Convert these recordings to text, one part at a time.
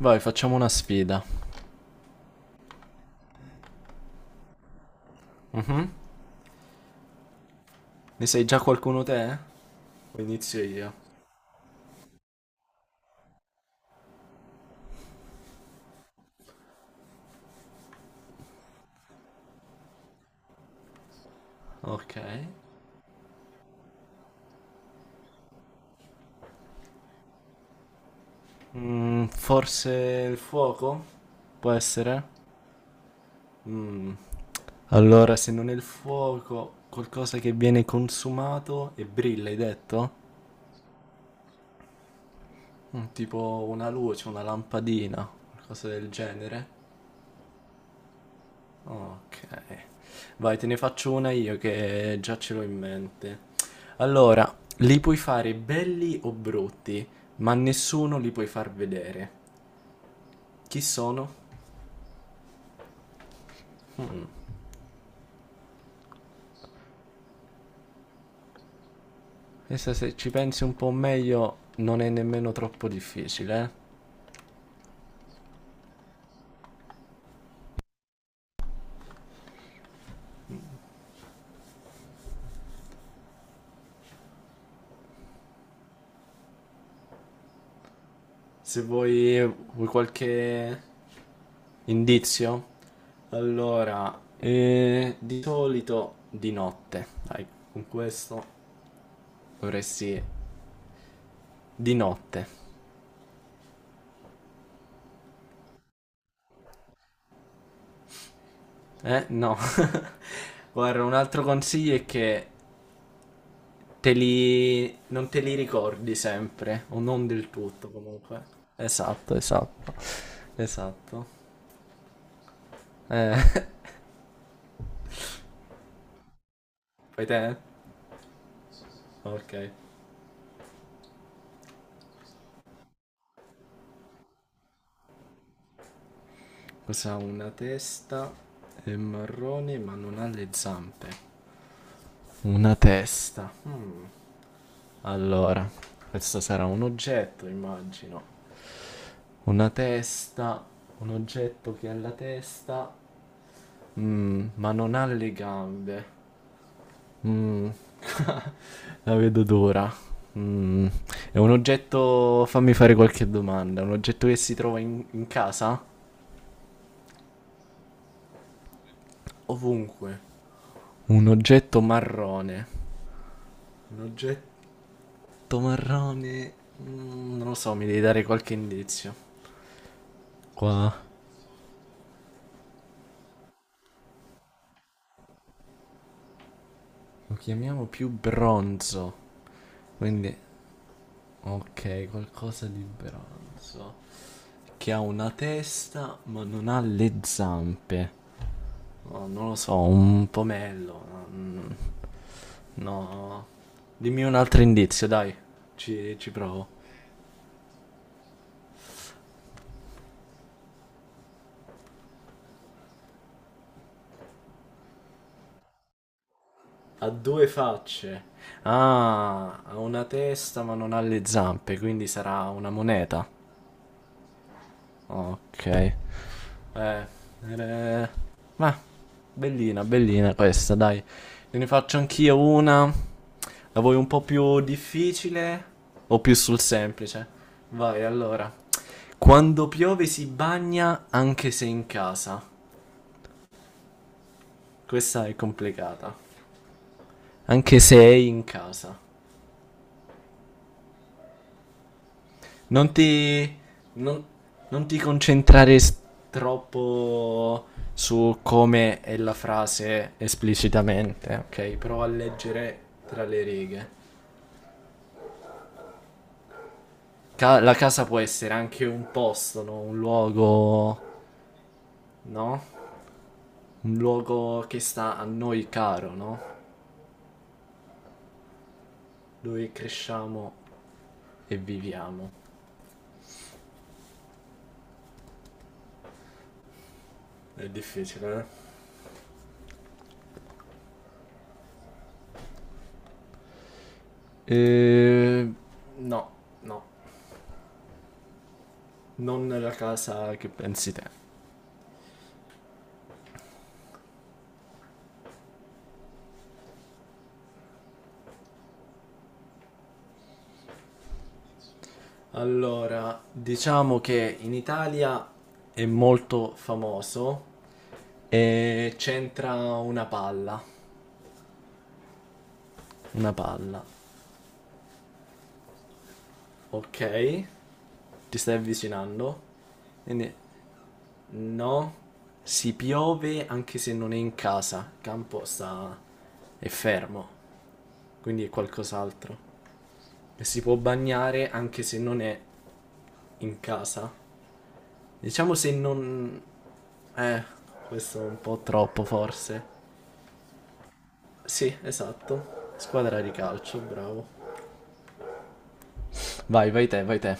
Vai, facciamo una sfida. Ne sai già qualcuno te? O inizio io? Ok. Mm, forse il fuoco? Può essere? Mm. Allora, se non è il fuoco, qualcosa che viene consumato e brilla, hai detto? Mm, tipo una luce, una lampadina, qualcosa del genere. Ok, vai, te ne faccio una io che già ce l'ho in mente. Allora, li puoi fare belli o brutti, ma nessuno li puoi far vedere. Chi sono? Questa se ci pensi un po' meglio non è nemmeno troppo difficile, eh. Se vuoi, vuoi qualche indizio? Allora, di solito di notte. Dai, con questo dovresti... Di notte. Eh? No. Guarda, un altro consiglio è che te li... non te li ricordi sempre, o non del tutto comunque. Esatto, esatto, esatto. Eh, fai te? Ok. Cosa ha una testa? È marrone ma non ha le zampe. Una testa. Mm. Allora, questo sarà un oggetto, immagino. Una testa, un oggetto che ha la testa, mm, ma non ha le gambe. Mm, la vedo d'ora. Mm, è un oggetto, fammi fare qualche domanda, un oggetto che si trova in casa? Ovunque. Un oggetto marrone. Un oggetto marrone... mm, non lo so, mi devi dare qualche indizio. Qua lo chiamiamo più bronzo. Quindi, ok, qualcosa di bronzo. Che ha una testa ma non ha le zampe. No, non lo so, un pomello. Mm, no. Dimmi un altro indizio, dai. Ci provo. Ha due facce. Ah, ha una testa ma non ha le zampe, quindi sarà una moneta. Ok. Eh, eh, ma bellina, questa, dai. Ne faccio anch'io una. La vuoi un po' più difficile o più sul semplice? Vai, allora. Quando piove si bagna anche se in casa. Questa è complicata. Anche se è in casa. Non ti. Non, non ti concentrare troppo su come è la frase esplicitamente, ok? Prova a leggere tra le righe. La casa può essere anche un posto, no? Un luogo, no? Un luogo che sta a noi caro, no? Dove cresciamo e viviamo. È difficile, eh? Eh, No, no. Non la casa che pensi te. Allora, diciamo che in Italia è molto famoso e c'entra una palla. Una palla. Ok? Ti stai avvicinando? Quindi, no, si piove anche se non è in casa. Il campo sta... è fermo, quindi è qualcos'altro. E si può bagnare anche se non è in casa. Diciamo se non... Eh, questo è un po' troppo forse. Sì, esatto. Squadra di calcio, bravo. Vai, vai te, vai te.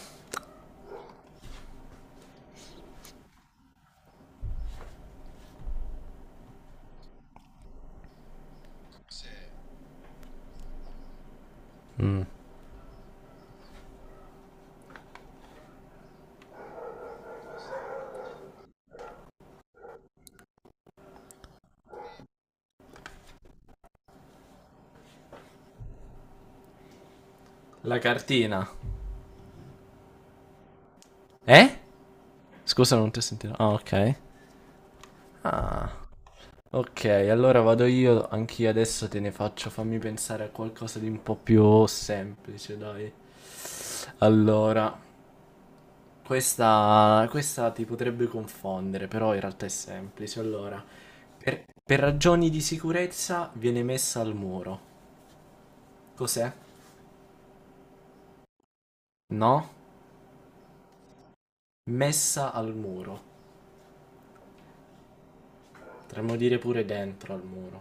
La cartina. Eh? Scusa, non ti ho sentito. Ah, ok. Ah. Ok, allora vado io, anch'io adesso te ne faccio, fammi pensare a qualcosa di un po' più semplice, dai. Allora, questa ti potrebbe confondere, però in realtà è semplice. Allora, per ragioni di sicurezza viene messa al muro. Cos'è? No? Messa al muro. Potremmo dire pure dentro al muro.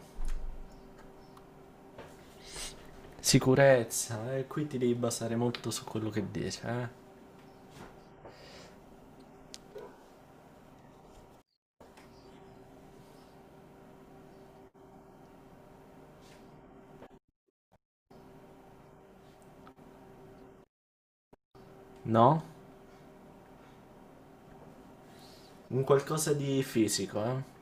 Sicurezza, qui ti devi basare molto su quello che dice, eh? No? Un qualcosa di fisico, eh?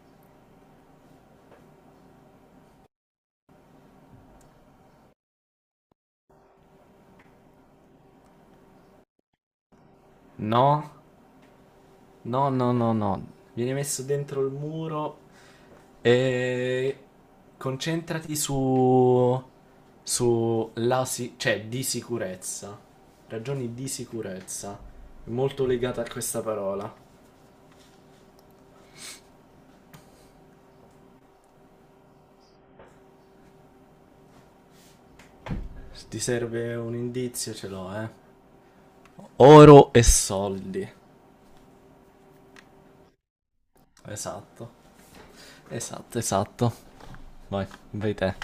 No? No, no, no, no. Viene messo dentro il muro e concentrati su sulla cioè di sicurezza. Ragioni di sicurezza. È molto legata a questa parola. Se ti serve un indizio, ce l'ho, eh. Oro e soldi. Esatto. Esatto, esatto. Vai, vai te.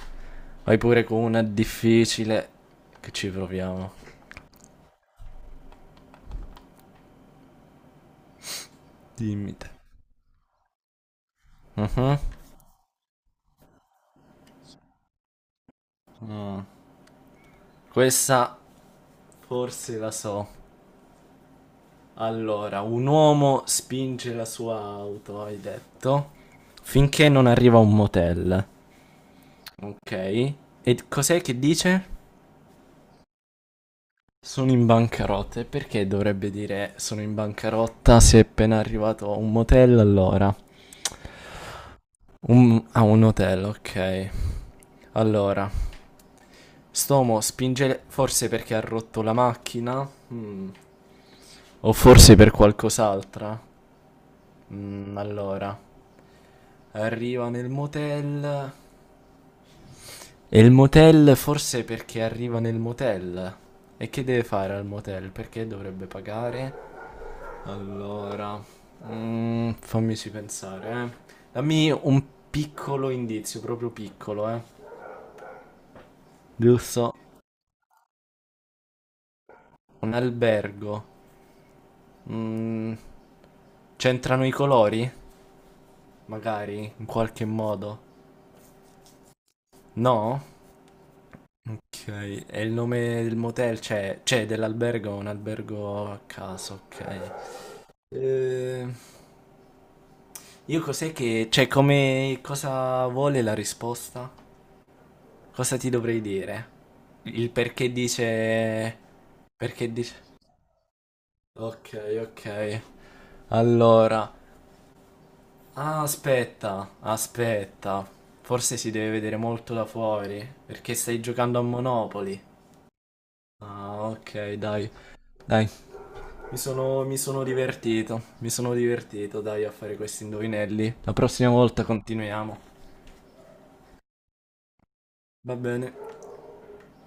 Vai pure con una difficile che ci proviamo. Dimmi te. Mhm. Ah. Questa forse la so. Allora, un uomo spinge la sua auto, hai detto, finché non arriva a un motel. Ok. E cos'è che dice? Sono in bancarotta. E perché dovrebbe dire sono in bancarotta se è appena arrivato a un motel? Allora, un, a un hotel, ok. Allora, Stomo spinge forse perché ha rotto la macchina? Mm. O forse per qualcos'altra? Mm, allora. Arriva nel motel. E il motel forse perché arriva nel motel. E che deve fare al motel? Perché dovrebbe pagare? Allora, mm, fammici pensare, eh. Dammi un piccolo indizio, proprio piccolo, eh. Giusto? Un albergo. Mm, c'entrano i colori? Magari, in qualche modo. No? Ok, e il nome del motel c'è? C'è dell'albergo, un albergo a caso, ok. Eh, io cos'è che... Cioè, come... Cosa vuole la risposta? Cosa ti dovrei dire? Il perché dice... Perché dice... Ok, ok. Allora... Ah, aspetta, aspetta. Forse si deve vedere molto da fuori, perché stai giocando a Monopoli. Ah, ok, dai. Dai. Mi sono divertito, dai, a fare questi indovinelli. La prossima volta continuiamo. Va bene.